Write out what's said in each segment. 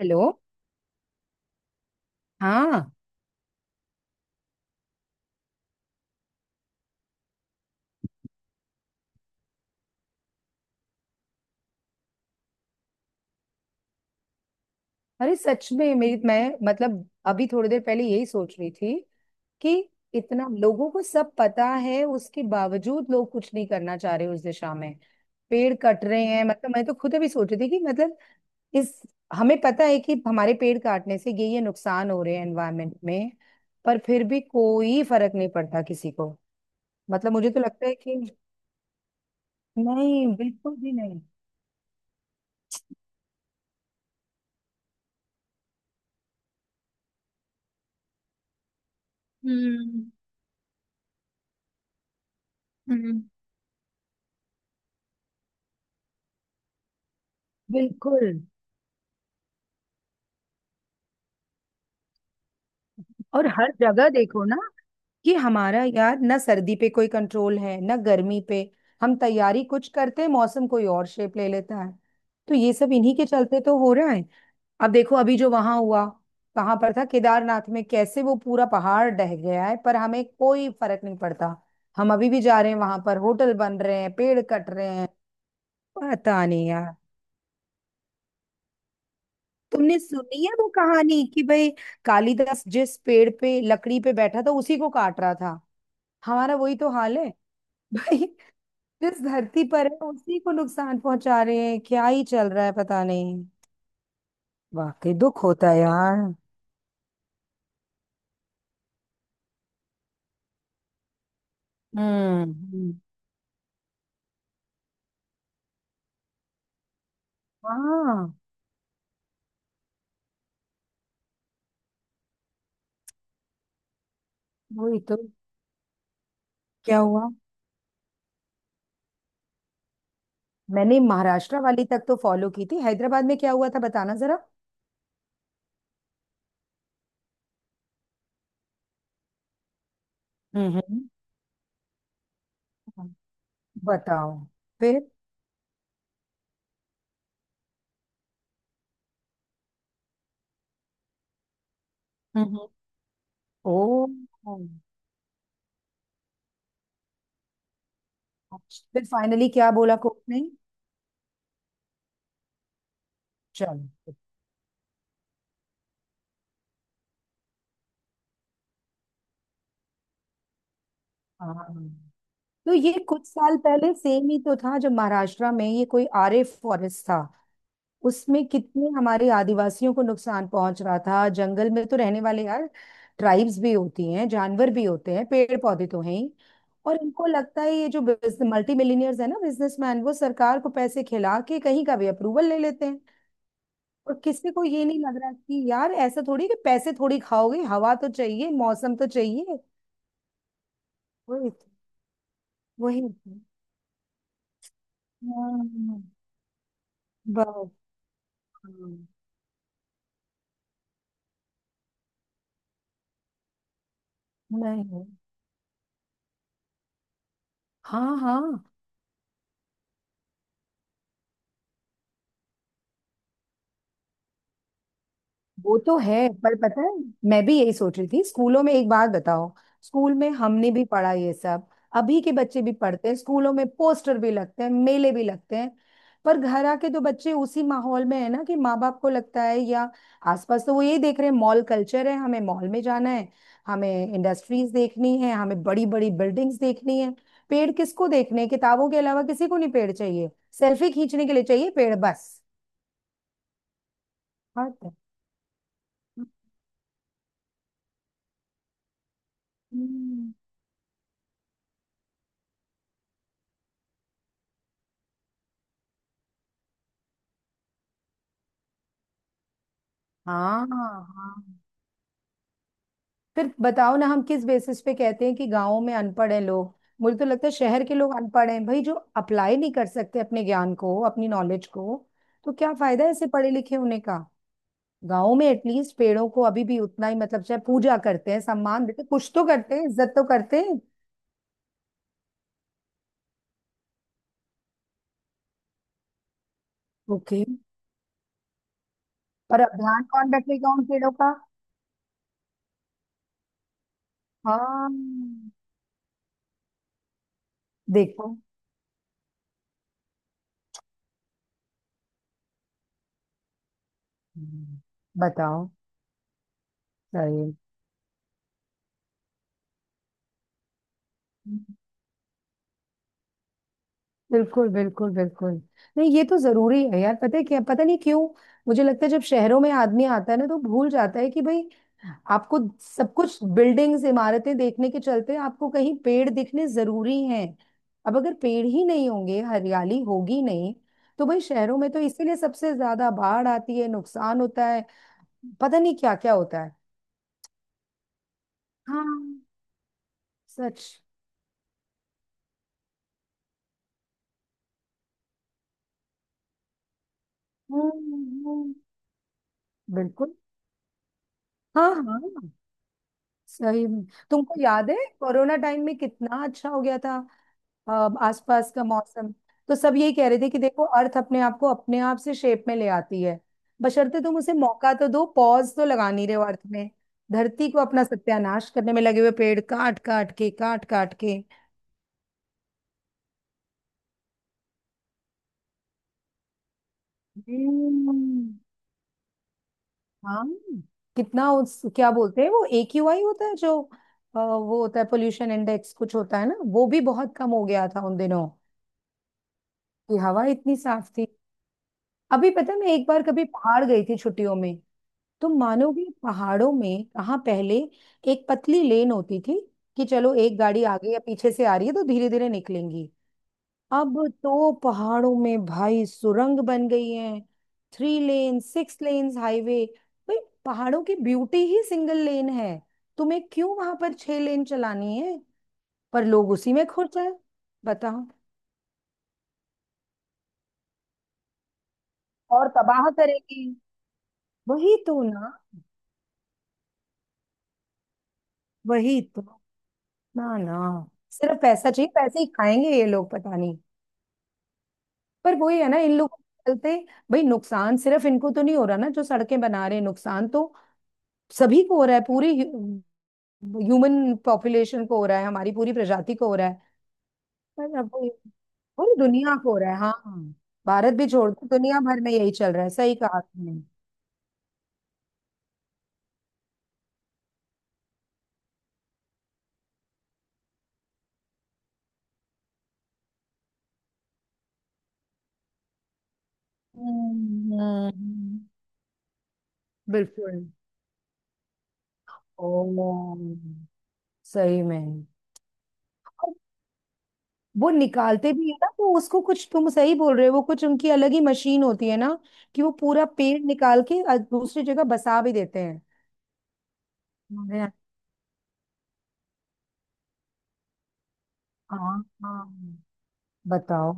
Hello. हाँ। अरे सच में मेरी मैं मतलब अभी थोड़ी देर पहले यही सोच रही थी कि इतना लोगों को सब पता है उसके बावजूद लोग कुछ नहीं करना चाह रहे उस दिशा में। पेड़ कट रहे हैं मतलब मैं तो खुद अभी सोच रही थी कि मतलब इस हमें पता है कि हमारे पेड़ काटने से ये नुकसान हो रहे हैं एनवायरनमेंट में। पर फिर भी कोई फर्क नहीं पड़ता किसी को। मतलब मुझे तो लगता है कि नहीं बिल्कुल भी नहीं। हम्म हम्म। बिल्कुल। और हर जगह देखो ना कि हमारा यार ना सर्दी पे कोई कंट्रोल है ना गर्मी पे। हम तैयारी कुछ करते हैं मौसम कोई और शेप ले लेता है। तो ये सब इन्हीं के चलते तो हो रहा है। अब देखो अभी जो वहां हुआ कहाँ पर था केदारनाथ में कैसे वो पूरा पहाड़ ढह गया है पर हमें कोई फर्क नहीं पड़ता। हम अभी भी जा रहे हैं वहां पर होटल बन रहे हैं पेड़ कट रहे हैं। पता नहीं यार। तुमने सुनी है वो कहानी कि भाई कालिदास जिस पेड़ पे लकड़ी पे बैठा था उसी को काट रहा था। हमारा वही तो हाल है भाई। जिस धरती पर है उसी को नुकसान पहुंचा रहे हैं क्या ही चल रहा है पता नहीं। वाकई दुख होता है यार। हम्म। हाँ। वही तो। क्या हुआ? मैंने महाराष्ट्र वाली तक तो फॉलो की थी हैदराबाद में क्या हुआ था बताना जरा। हम्म हम्म। बताओ। फिर। हम्म। ओ। अच्छा। फिर फाइनली क्या बोला कोर्ट ने? चलो। हाँ। तो ये कुछ साल पहले सेम ही तो था जब महाराष्ट्र में ये कोई आरे फॉरेस्ट था। उसमें कितने हमारे आदिवासियों को नुकसान पहुंच रहा था जंगल में तो रहने वाले यार ट्राइब्स भी होती हैं जानवर भी होते हैं पेड़ पौधे तो हैं ही। और इनको लगता है ये जो मल्टी मिलीनियर्स है ना बिजनेसमैन वो सरकार को पैसे खिला के कहीं का भी अप्रूवल ले लेते हैं। और किसी को ये नहीं लग रहा कि यार ऐसा थोड़ी कि पैसे थोड़ी खाओगे हवा तो चाहिए मौसम तो चाहिए। वही तो- वही तो। हाँ, बस। हाँ। नहीं। हाँ हाँ। वो तो है। पर पता है मैं भी यही सोच रही थी स्कूलों में एक बात बताओ। स्कूल में हमने भी पढ़ा ये सब। अभी के बच्चे भी पढ़ते हैं स्कूलों में पोस्टर भी लगते हैं मेले भी लगते हैं। पर घर आके तो बच्चे उसी माहौल में है ना कि माँ बाप को लगता है या आसपास तो वो यही देख रहे हैं मॉल कल्चर है हमें मॉल में जाना है। हमें इंडस्ट्रीज देखनी है हमें बड़ी बड़ी बिल्डिंग्स देखनी है। पेड़ किसको देखने हैं? किताबों के अलावा किसी को नहीं पेड़ चाहिए। सेल्फी खींचने के लिए चाहिए पेड़ बस। बात है। हम्म। हाँ हाँ। फिर बताओ ना हम किस बेसिस पे कहते हैं कि गाँव में अनपढ़ हैं लोग। मुझे तो लगता है शहर के लोग अनपढ़ हैं भाई जो अप्लाई नहीं कर सकते अपने ज्ञान को अपनी नॉलेज को। तो क्या फायदा है ऐसे पढ़े लिखे होने का। गाँव में एटलीस्ट पेड़ों को अभी भी उतना ही मतलब चाहे पूजा करते हैं सम्मान देते हैं, कुछ तो करते हैं इज्जत तो करते हैं। ओके। पर अब ध्यान कौन रखेगा उन पेड़ों का? हाँ। देखो। हम्म। बताओ। सही। बिल्कुल बिल्कुल बिल्कुल। नहीं ये तो जरूरी है यार पता है क्या पता नहीं क्यों। मुझे लगता है जब शहरों में आदमी आता है ना तो भूल जाता है कि भाई आपको सब कुछ बिल्डिंग्स इमारतें देखने के चलते आपको कहीं पेड़ दिखने जरूरी हैं। अब अगर पेड़ ही नहीं होंगे हरियाली होगी नहीं तो भाई शहरों में तो इसीलिए सबसे ज्यादा बाढ़ आती है नुकसान होता है। पता नहीं क्या क्या होता है। हाँ। सच। हम्म हम्म। बिल्कुल। हाँ हाँ। सही में। तुमको याद है कोरोना टाइम में कितना अच्छा हो गया था अ, आसपास का मौसम। तो सब यही कह रहे थे कि देखो अर्थ अपने आप को अपने आप से शेप में ले आती है बशर्ते तुम उसे मौका तो दो पॉज तो लगा नहीं रहे हो अर्थ में। धरती को अपना सत्यानाश करने में लगे हुए पेड़ काट काट के काट काट के। हम्म। हाँ। कितना उस क्या बोलते हैं वो एक्यूआई होता है जो वो होता है पोल्यूशन इंडेक्स कुछ होता है ना वो भी बहुत कम हो गया था उन दिनों कि हवा इतनी साफ थी। अभी पता है मैं एक बार कभी पहाड़ गई थी छुट्टियों में। तुम मानोगे पहाड़ों में कहाँ पहले एक पतली लेन होती थी कि चलो एक गाड़ी आगे या पीछे से आ रही है तो धीरे धीरे निकलेंगी। अब तो पहाड़ों में भाई सुरंग बन गई है। 3 लेन 6 लेन्स हाईवे भाई। पहाड़ों की ब्यूटी ही सिंगल लेन है। तुम्हें क्यों वहां पर 6 लेन चलानी है? पर लोग उसी में खुश हैं। बताओ। और तबाह करेंगे। वही तो ना। वही तो। ना ना। सिर्फ पैसा चाहिए पैसे ही खाएंगे ये लोग पता नहीं। पर वही है ना इन लोगों के चलते। भाई नुकसान सिर्फ इनको तो नहीं हो रहा ना जो सड़कें बना रहे हैं नुकसान तो सभी को हो रहा है पूरी ह्यूमन पॉपुलेशन को हो रहा है हमारी पूरी प्रजाति को हो रहा है। पर अब वो- पूरी दुनिया को हो रहा है हाँ। भारत भी छोड़ दो दुनिया भर में यही चल रहा है सही कहा आपने। हम्म हम्म, बिल्कुल। ओ। सही में। वो निकालते भी है ना तो उसको कुछ तुम सही बोल रहे हो वो कुछ उनकी अलग ही मशीन होती है ना कि वो पूरा पेड़ निकाल के दूसरी जगह बसा भी देते हैं। अरे। हाँ हाँ। बताओ।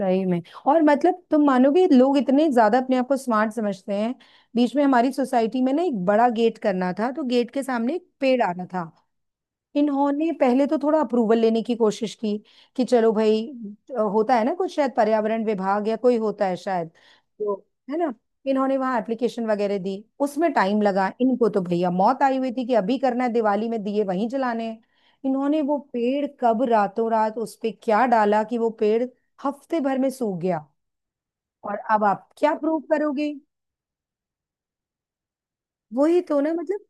सही में। और मतलब तुम मानोगे लोग इतने ज्यादा अपने आप को स्मार्ट समझते हैं। बीच में हमारी सोसाइटी में ना एक बड़ा गेट करना था तो गेट के सामने एक पेड़ आना था। इन्होंने पहले तो थोड़ा अप्रूवल लेने की कोशिश की कि चलो भाई होता है ना कुछ शायद पर्यावरण विभाग या कोई होता है शायद। तो है ना इन्होंने वहां एप्लीकेशन वगैरह दी। उसमें टाइम लगा इनको तो भैया मौत आई हुई थी कि अभी करना है दिवाली में दिए वहीं जलाने हैं। इन्होंने वो पेड़ कब रातों रात उस पे क्या डाला कि वो पेड़ हफ्ते भर में सूख गया। और अब आप क्या प्रूव करोगे? वही तो ना मतलब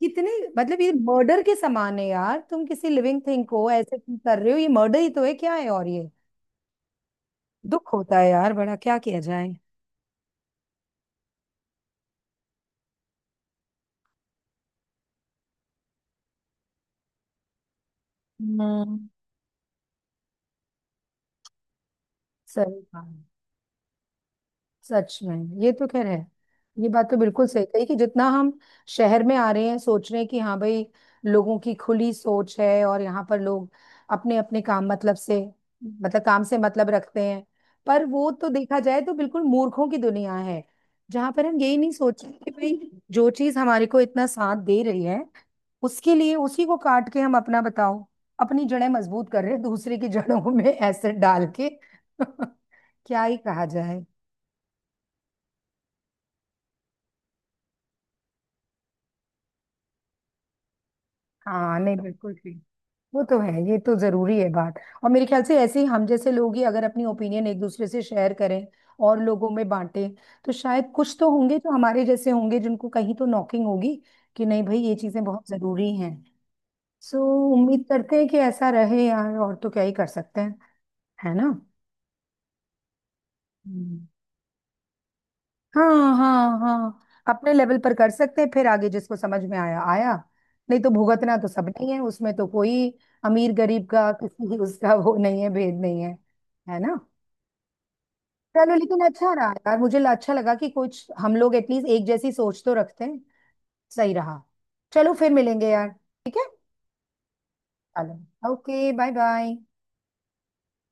कितने मतलब ये मर्डर के समान है यार तुम किसी लिविंग थिंग को ऐसे तुम कर रहे हो ये मर्डर ही तो है क्या है और ये दुख होता है यार बड़ा क्या किया जाए। हम्म। सही कहा। सच में। ये तो खैर है। ये बात तो बिल्कुल सही कही कि जितना हम शहर में आ रहे हैं सोच रहे हैं कि हाँ भाई लोगों की खुली सोच है और यहाँ पर लोग अपने अपने काम मतलब से मतलब काम से मतलब रखते हैं। पर वो तो देखा जाए तो बिल्कुल मूर्खों की दुनिया है जहाँ पर हम यही नहीं सोच रहे कि भाई जो चीज हमारे को इतना साथ दे रही है उसके लिए उसी को काट के हम अपना बताओ अपनी जड़ें मजबूत कर रहे हैं दूसरे की जड़ों में एसिड डाल के क्या ही कहा जाए। हाँ नहीं बिल्कुल ठीक। वो तो है ये तो जरूरी है बात। और मेरे ख्याल से ऐसे ही हम जैसे लोग ही अगर अपनी ओपिनियन एक दूसरे से शेयर करें और लोगों में बांटें तो शायद कुछ तो होंगे जो हमारे जैसे होंगे जिनको कहीं तो नॉकिंग होगी कि नहीं भाई ये चीजें बहुत जरूरी हैं। सो उम्मीद करते हैं कि ऐसा रहे यार और तो क्या ही कर सकते हैं है ना। हम्म। हाँ हाँ हाँ। अपने लेवल पर कर सकते हैं फिर आगे जिसको समझ में आया आया नहीं तो भुगतना तो सबने ही है उसमें तो कोई अमीर गरीब का किसी उसका वो नहीं है भेद नहीं है है ना। चलो लेकिन अच्छा रहा यार मुझे अच्छा लगा कि कुछ हम लोग एटलीस्ट एक जैसी सोच तो रखते हैं। सही रहा। चलो फिर मिलेंगे यार ठीक है। चलो ओके बाय बाय।